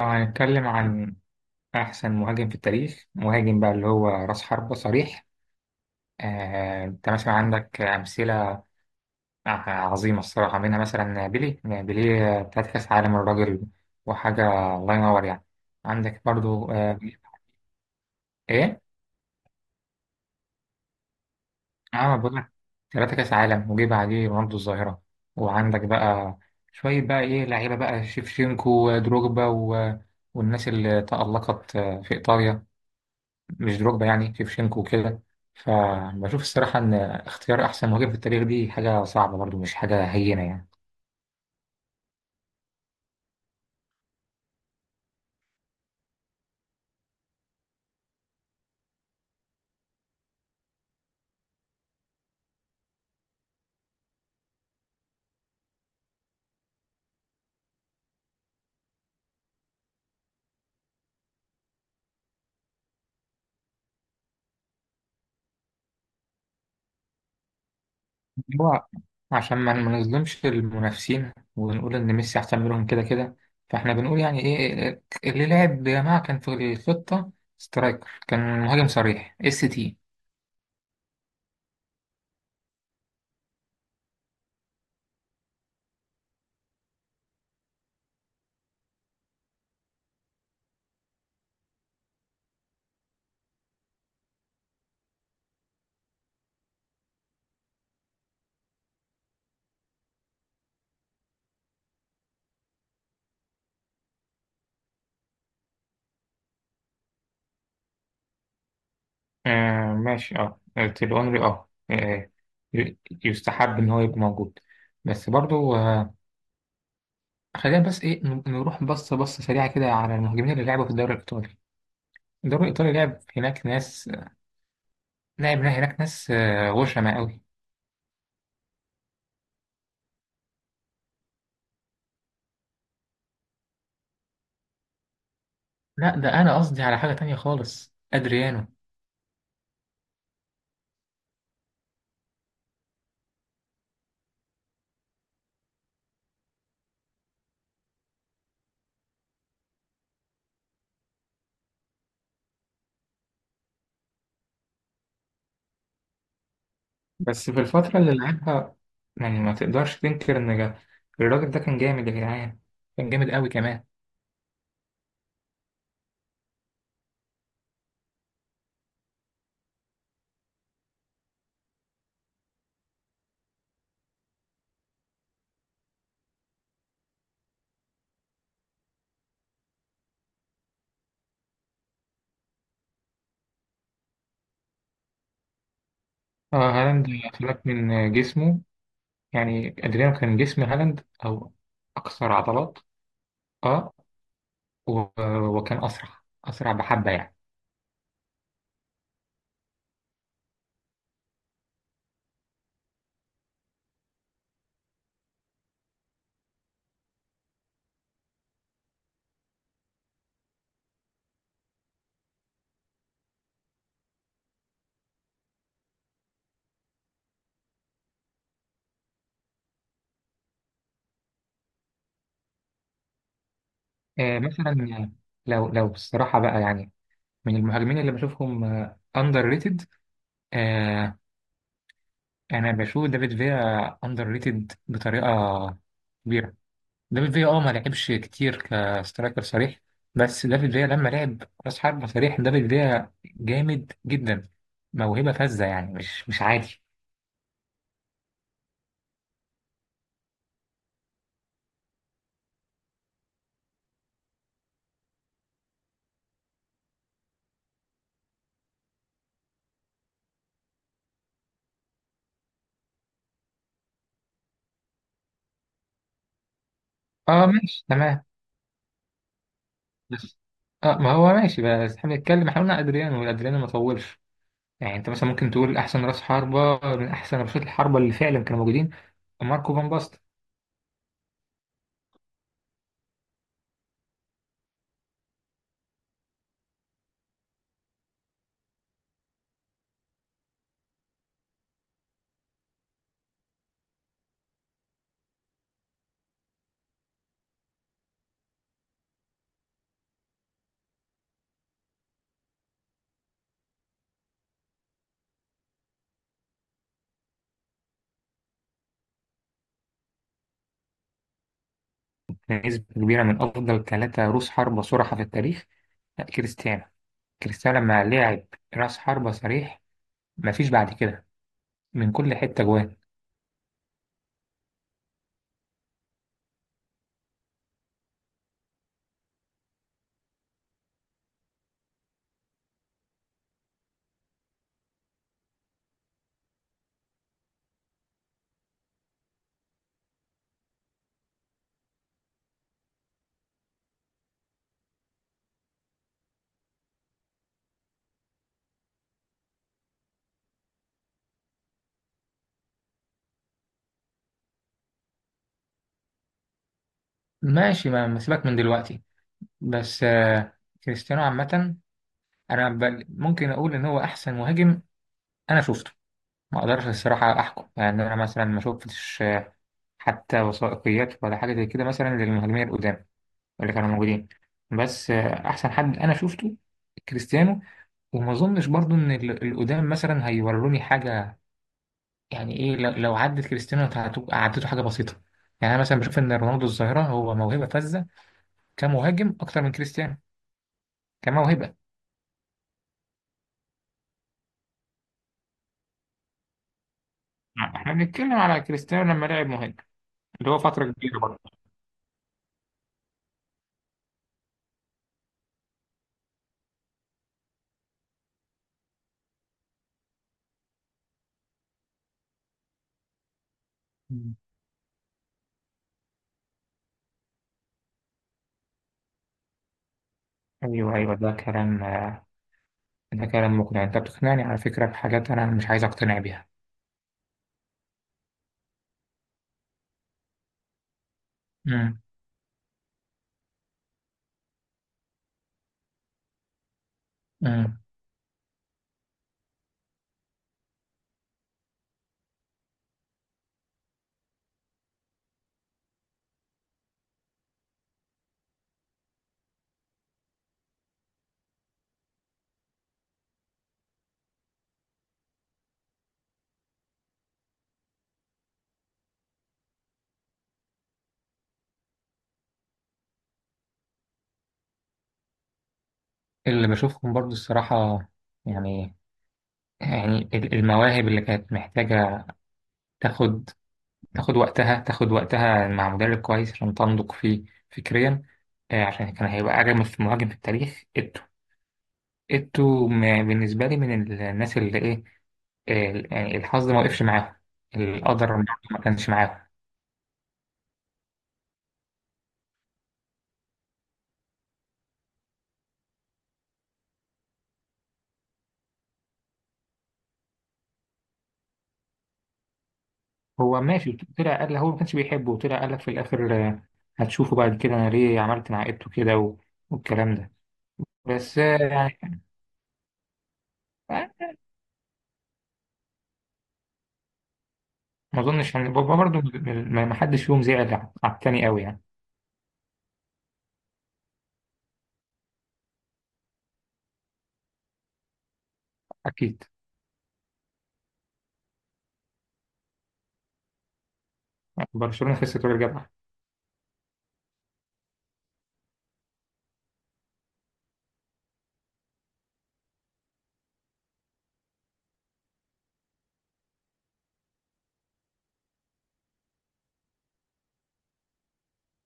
لو هنتكلم عن أحسن مهاجم في التاريخ، مهاجم بقى اللي هو رأس حربة صريح. أنت مثلا عندك أمثلة عظيمة الصراحة، منها مثلا بيلي بتاعت كأس عالم، الراجل وحاجة الله ينور يعني. عندك برضو آه، إيه؟ أه بقول لك، ثلاثة كأس عالم وجيب عليه رونالدو الظاهرة. وعندك بقى شوية بقى إيه لعيبة بقى، شيفشينكو ودروجبا والناس اللي تألقت في إيطاليا، مش دروجبا يعني، شيفشينكو وكده. فبشوف الصراحة إن اختيار أحسن مهاجم في التاريخ دي حاجة صعبة برضو، مش حاجة هينة يعني. هو عشان ما نظلمش المنافسين ونقول إن ميسي أحسن منهم كده كده، فإحنا بنقول يعني إيه اللي لعب يا جماعة، كان في الخطة سترايكر، كان مهاجم صريح، اس تي. آه ماشي، اه تيل اونري اه آه، ي- يستحب ان هو يبقى موجود. بس برضو آه، خلينا بس ايه نروح بصة بصة سريعة كده على المهاجمين اللي لعبوا في الدوري الإيطالي. الدوري الإيطالي لعب هناك ناس، لعب هناك ناس غشمة قوي. لا ده أنا قصدي على حاجة تانية خالص، أدريانو. بس في الفترة اللي لعبها، يعني ما تقدرش تنكر إن الراجل ده كان جامد يا جدعان، كان جامد قوي كمان. اه هالاند خلاك من جسمه، يعني أدريانو كان جسم هالاند أو أكثر عضلات. اه و- وكان أسرع، أسرع بحبة يعني. آه مثلا، لو لو بصراحة بقى يعني، من المهاجمين اللي بشوفهم أندر ريتد، انا بشوف دافيد فيا اندر ريتد بطريقه كبيره. دافيد فيا اه ما لعبش كتير كسترايكر صريح، بس دافيد فيا لما لعب راس حربة صريح، دافيد فيا جامد جدا، موهبه فذه يعني، مش عادي. اه ماشي تمام. بس اه، ما هو ماشي، بس احنا بنتكلم، احنا قلنا ادريانو والادريانو ما طولش، يعني انت مثلا ممكن تقول احسن راس حربة من احسن رشات الحربة اللي فعلا كانوا موجودين، ماركو فان باستن. نسبة كبيرة من أفضل ثلاثة رؤوس حربة صرحة في التاريخ. لا كريستيانو، كريستيانو لما لعب راس حربة صريح مفيش بعد كده، من كل حتة جوان. ماشي ما سيبك من دلوقتي، بس آه، كريستيانو عامة أنا ممكن أقول إن هو أحسن مهاجم أنا شفته. ما أقدرش الصراحة أحكم، يعني أنا مثلا ما شفتش حتى وثائقيات ولا حاجة زي كده مثلا للمهاجمين القدام اللي كانوا موجودين. بس آه، أحسن حد أنا شفته كريستيانو. وما أظنش برضو إن القدام مثلا هيوروني حاجة. يعني ايه، لو لو عدت كريستيانو، انت عدته حاجه بسيطه، يعني انا مثلا بشوف ان رونالدو الظاهره هو موهبه فذه كمهاجم اكتر من كريستيانو، كموهبه. نعم، احنا بنتكلم على كريستيانو لما لعب مهاجم، اللي هو فتره كبيره برضه. مم. ايوه ايوه، ده كلام آه، ده كلام مقنع، انت بتقنعني على فكره بحاجات انا مش عايز اقتنع بيها. امم، امم، اللي بشوفهم برضو الصراحه، يعني، يعني المواهب اللي كانت محتاجه تاخد تاخد وقتها، تاخد وقتها مع مدرب كويس عشان تنضج فيه فكريا، آه، عشان كان هيبقى أجمل مهاجم في التاريخ إيتو. إيتو بالنسبة لي من الناس اللي إيه، يعني الحظ ما وقفش معاهم، القدر برضه ما كانش معاهم. هو ماشي، طلع قال هو ما كانش بيحبه، وطلع قال لك في الاخر آه، هتشوفوا بعد كده انا ليه عملت مع ابته كده والكلام ده. بس آه، يعني آه، ما اظنش يعني برضه، ما حدش فيهم زعل على التاني قوي يعني. اكيد، برشلونة خسرت ورجعت.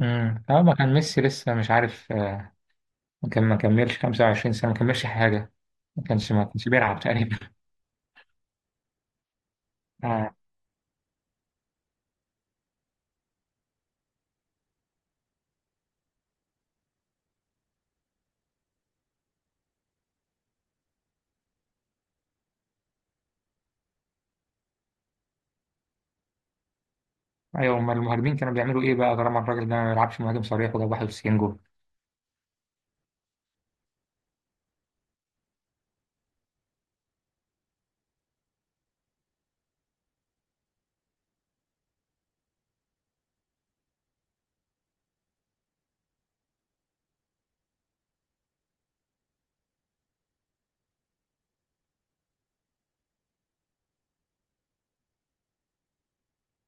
امم، اه ما كان ميسي لسه مش عارف آه، ما كان ما كملش 25 سنة، ما كملش حاجة، ما كانش بيلعب تقريبا. آه. ايوه، امال المهاجمين كانوا بيعملوا ايه بقى، طالما الراجل ده ما بيلعبش مهاجم صريح وجاب 91 جول؟